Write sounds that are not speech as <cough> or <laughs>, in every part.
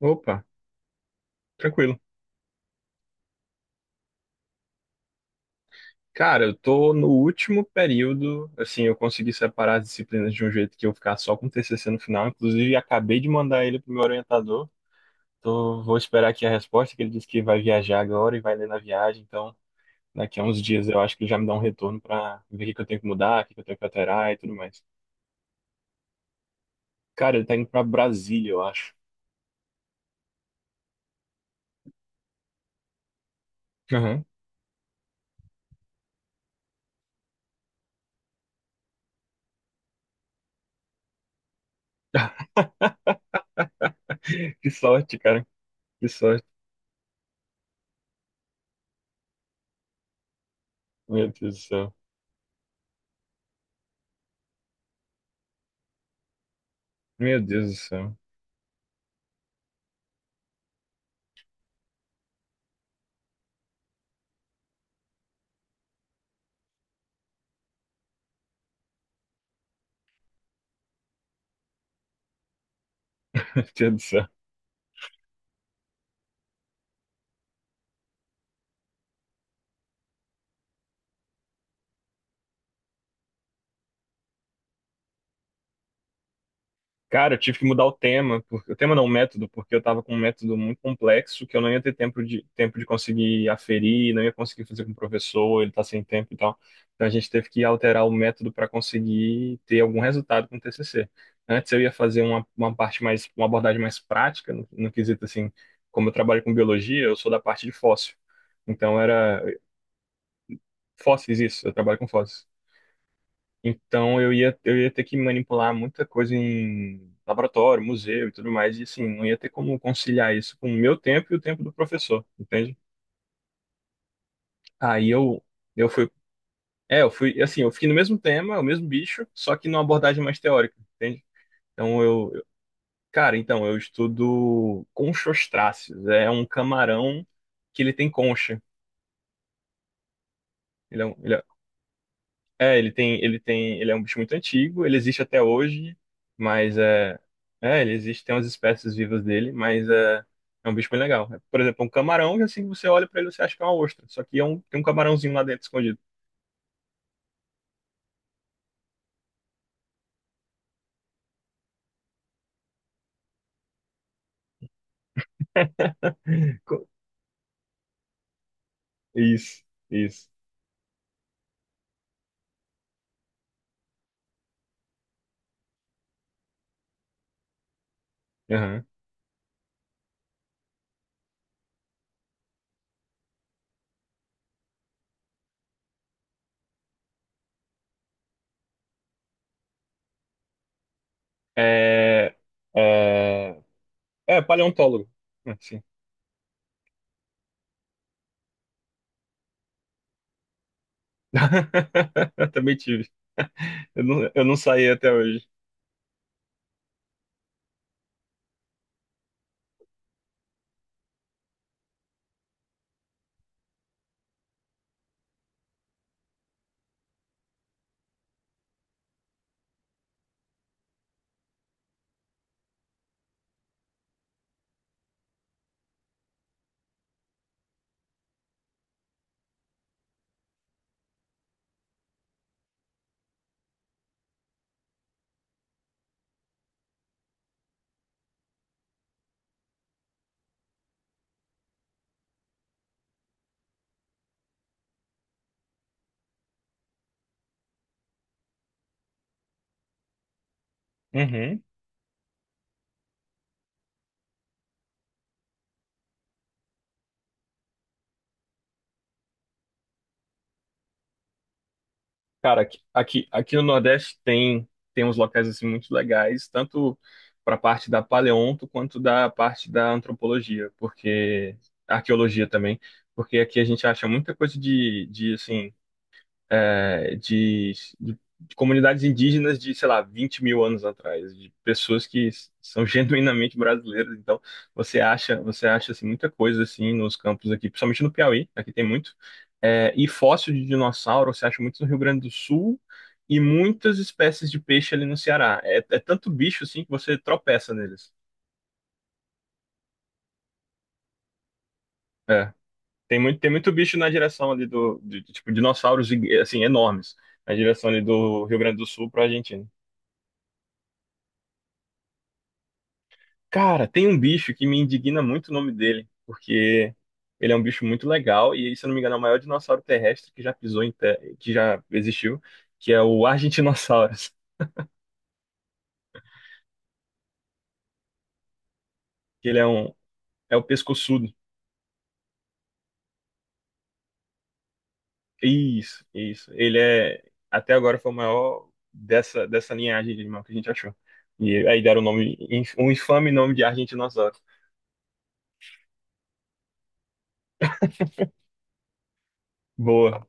Opa, tranquilo. Cara, eu tô no último período, assim, eu consegui separar as disciplinas de um jeito que eu ficar só com o TCC no final, inclusive acabei de mandar ele pro meu orientador. Tô, vou esperar aqui a resposta, que ele disse que vai viajar agora e vai ler na viagem, então daqui a uns dias eu acho que ele já me dá um retorno pra ver o que que eu tenho que mudar, o que que eu tenho que alterar e tudo mais. Cara, ele tá indo pra Brasília, eu acho. Aham. <laughs> Que sorte, cara. Que sorte. Meu Deus do céu. Meu Deus do céu. <laughs> Meu Deus do céu. Cara, eu tive que mudar o tema, porque, o tema não, o método, porque eu tava com um método muito complexo que eu não ia ter tempo de conseguir aferir, não ia conseguir fazer com o professor, ele tá sem tempo e tal. Então a gente teve que alterar o método para conseguir ter algum resultado com o TCC. Antes eu ia fazer uma parte mais, uma abordagem mais prática, no quesito assim, como eu trabalho com biologia, eu sou da parte de fóssil. Então era fósseis isso, eu trabalho com fósseis. Então eu ia ter que manipular muita coisa em laboratório, museu e tudo mais, e assim, não ia ter como conciliar isso com o meu tempo e o tempo do professor, entende? Aí eu fui, é, eu fui, assim, eu fiquei no mesmo tema, o mesmo bicho, só que numa abordagem mais teórica, entende? Então cara, então eu estudo conchostráceos, é um camarão que ele tem concha. Ele é um, ele é É, ele é um bicho muito antigo, ele existe até hoje, mas é, é, ele existe, tem umas espécies vivas dele, mas é, é um bicho bem legal. É, por exemplo, um camarão, que assim que você olha para ele, você acha que é uma ostra, só que é um, tem um camarãozinho lá dentro escondido. <laughs> Isso, isso. Aham. É, é, é paleontólogo. Assim. <laughs> Eu também tive. Eu não saí até hoje. Uhum. Cara, aqui no Nordeste tem, tem uns locais assim muito legais, tanto para a parte da paleonto quanto da parte da antropologia, porque arqueologia também, porque aqui a gente acha muita coisa de assim é, de comunidades indígenas de, sei lá, 20 mil anos atrás, de pessoas que são <laughs> genuinamente brasileiras. Então, você acha assim, muita coisa assim nos campos aqui, principalmente no Piauí, aqui tem muito. É, e fóssil de dinossauro, você acha muito no Rio Grande do Sul e muitas espécies de peixe ali no Ceará. É, é tanto bicho assim que você tropeça neles. É. Tem muito bicho na direção ali do tipo, dinossauros, assim, enormes, na direção ali do Rio Grande do Sul para a Argentina. Cara, tem um bicho que me indigna muito o nome dele, porque ele é um bicho muito legal e, se eu não me engano, é o maior dinossauro terrestre que já pisou que já existiu, que é o <laughs> Argentinossauros. Que ele é um é o pescoçudo. Isso, isso. Ele é até agora foi o maior dessa linhagem de animal que a gente achou. E aí deram o nome um infame nome de Argentinossauros. Boa.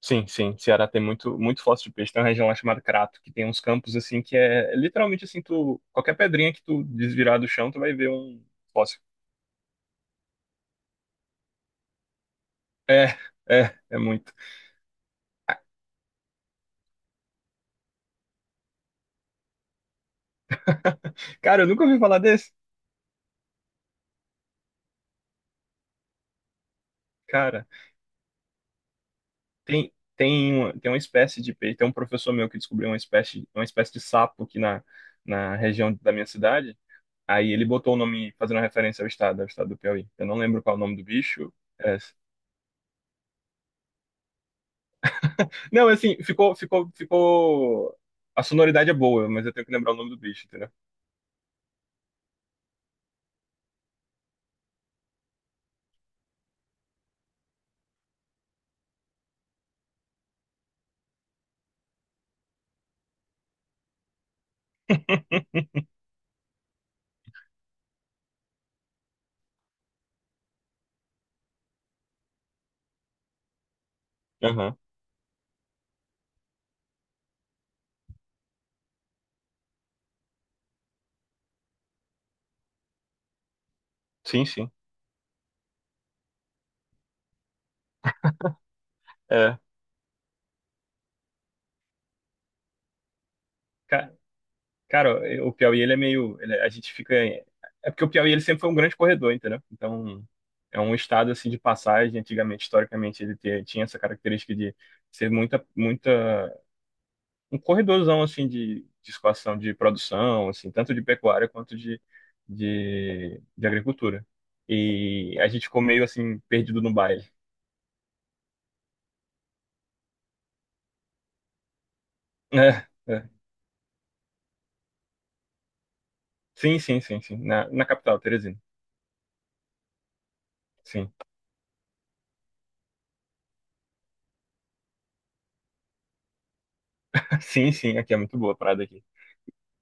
Sim, sim. Ceará tem muito, muito fóssil de peixe. Tem uma região lá chamada Crato, que tem uns campos assim que é literalmente assim, tu, qualquer pedrinha que tu desvirar do chão, tu vai ver um fóssil. É, é, é muito. Cara, eu nunca ouvi falar desse. Cara, tem uma espécie de peixe, tem um professor meu que descobriu uma espécie de sapo aqui na região da minha cidade. Aí ele botou o nome fazendo referência ao estado do Piauí. Eu não lembro qual é o nome do bicho. É Não, é assim, ficou. A sonoridade é boa, mas eu tenho que lembrar o nome do bicho, entendeu? Aham. Sim, sim. É. Ca- Cara, o Piauí, ele é meio. Ele- a gente fica. É porque o Piauí, ele sempre foi um grande corredor, entendeu? Então, é um estado, assim, de passagem. Antigamente, historicamente, ele tinha essa característica de ser muita, muita. Um corredorzão, assim, de escoação, de produção, assim, tanto de pecuária quanto de agricultura. E a gente ficou meio, assim, perdido no baile. É, é. Sim, sim, sim, sim. Na capital, Teresina. Sim. <laughs> Sim, sim, aqui é muito boa a parada aqui.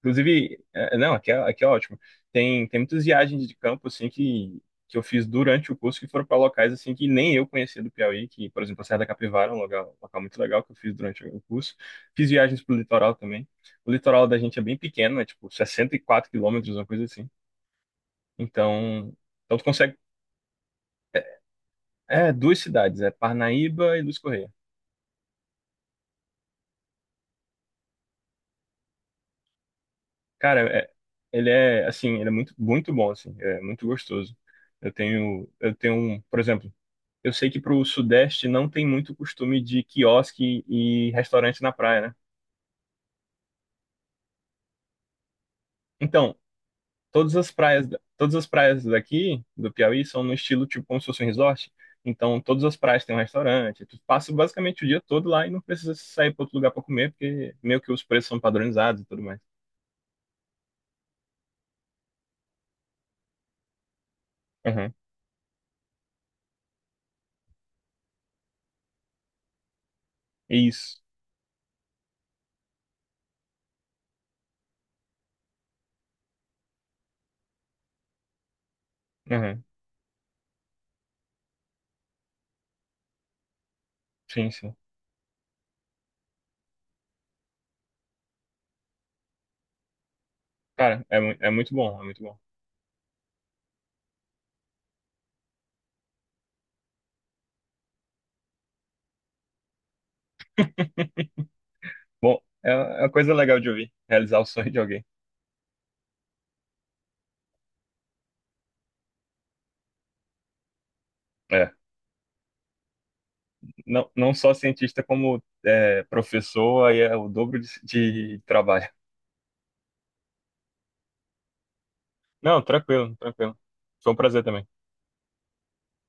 Inclusive, é, não, aqui é ótimo. Tem, tem muitas viagens de campo, assim, que eu fiz durante o curso, que foram para locais, assim, que nem eu conhecia do Piauí, que, por exemplo, a Serra da Capivara é um local muito legal que eu fiz durante o curso. Fiz viagens pro litoral também. O litoral da gente é bem pequeno, é tipo 64 quilômetros, uma coisa assim. Então, então tu consegue... É, é duas cidades, é Parnaíba e Luiz Correia. Cara, ele é assim, ele é muito, muito bom, assim, é muito gostoso. Por exemplo, eu sei que pro Sudeste não tem muito costume de quiosque e restaurante na praia, né? Então, todas as praias, todas as praias daqui do Piauí são no estilo tipo como se fosse um resort. Então, todas as praias têm um restaurante. Tu passa basicamente o dia todo lá e não precisa sair para outro lugar para comer, porque meio que os preços são padronizados e tudo mais. Uhum. Isso. Uhum. Sim, sim. Cara, é, é muito bom, é muito bom. Bom, é uma coisa legal de ouvir, realizar o sonho de alguém. É. Não, não só cientista, como é, professor, aí é o dobro de trabalho. Não, tranquilo, tranquilo. Foi um prazer também.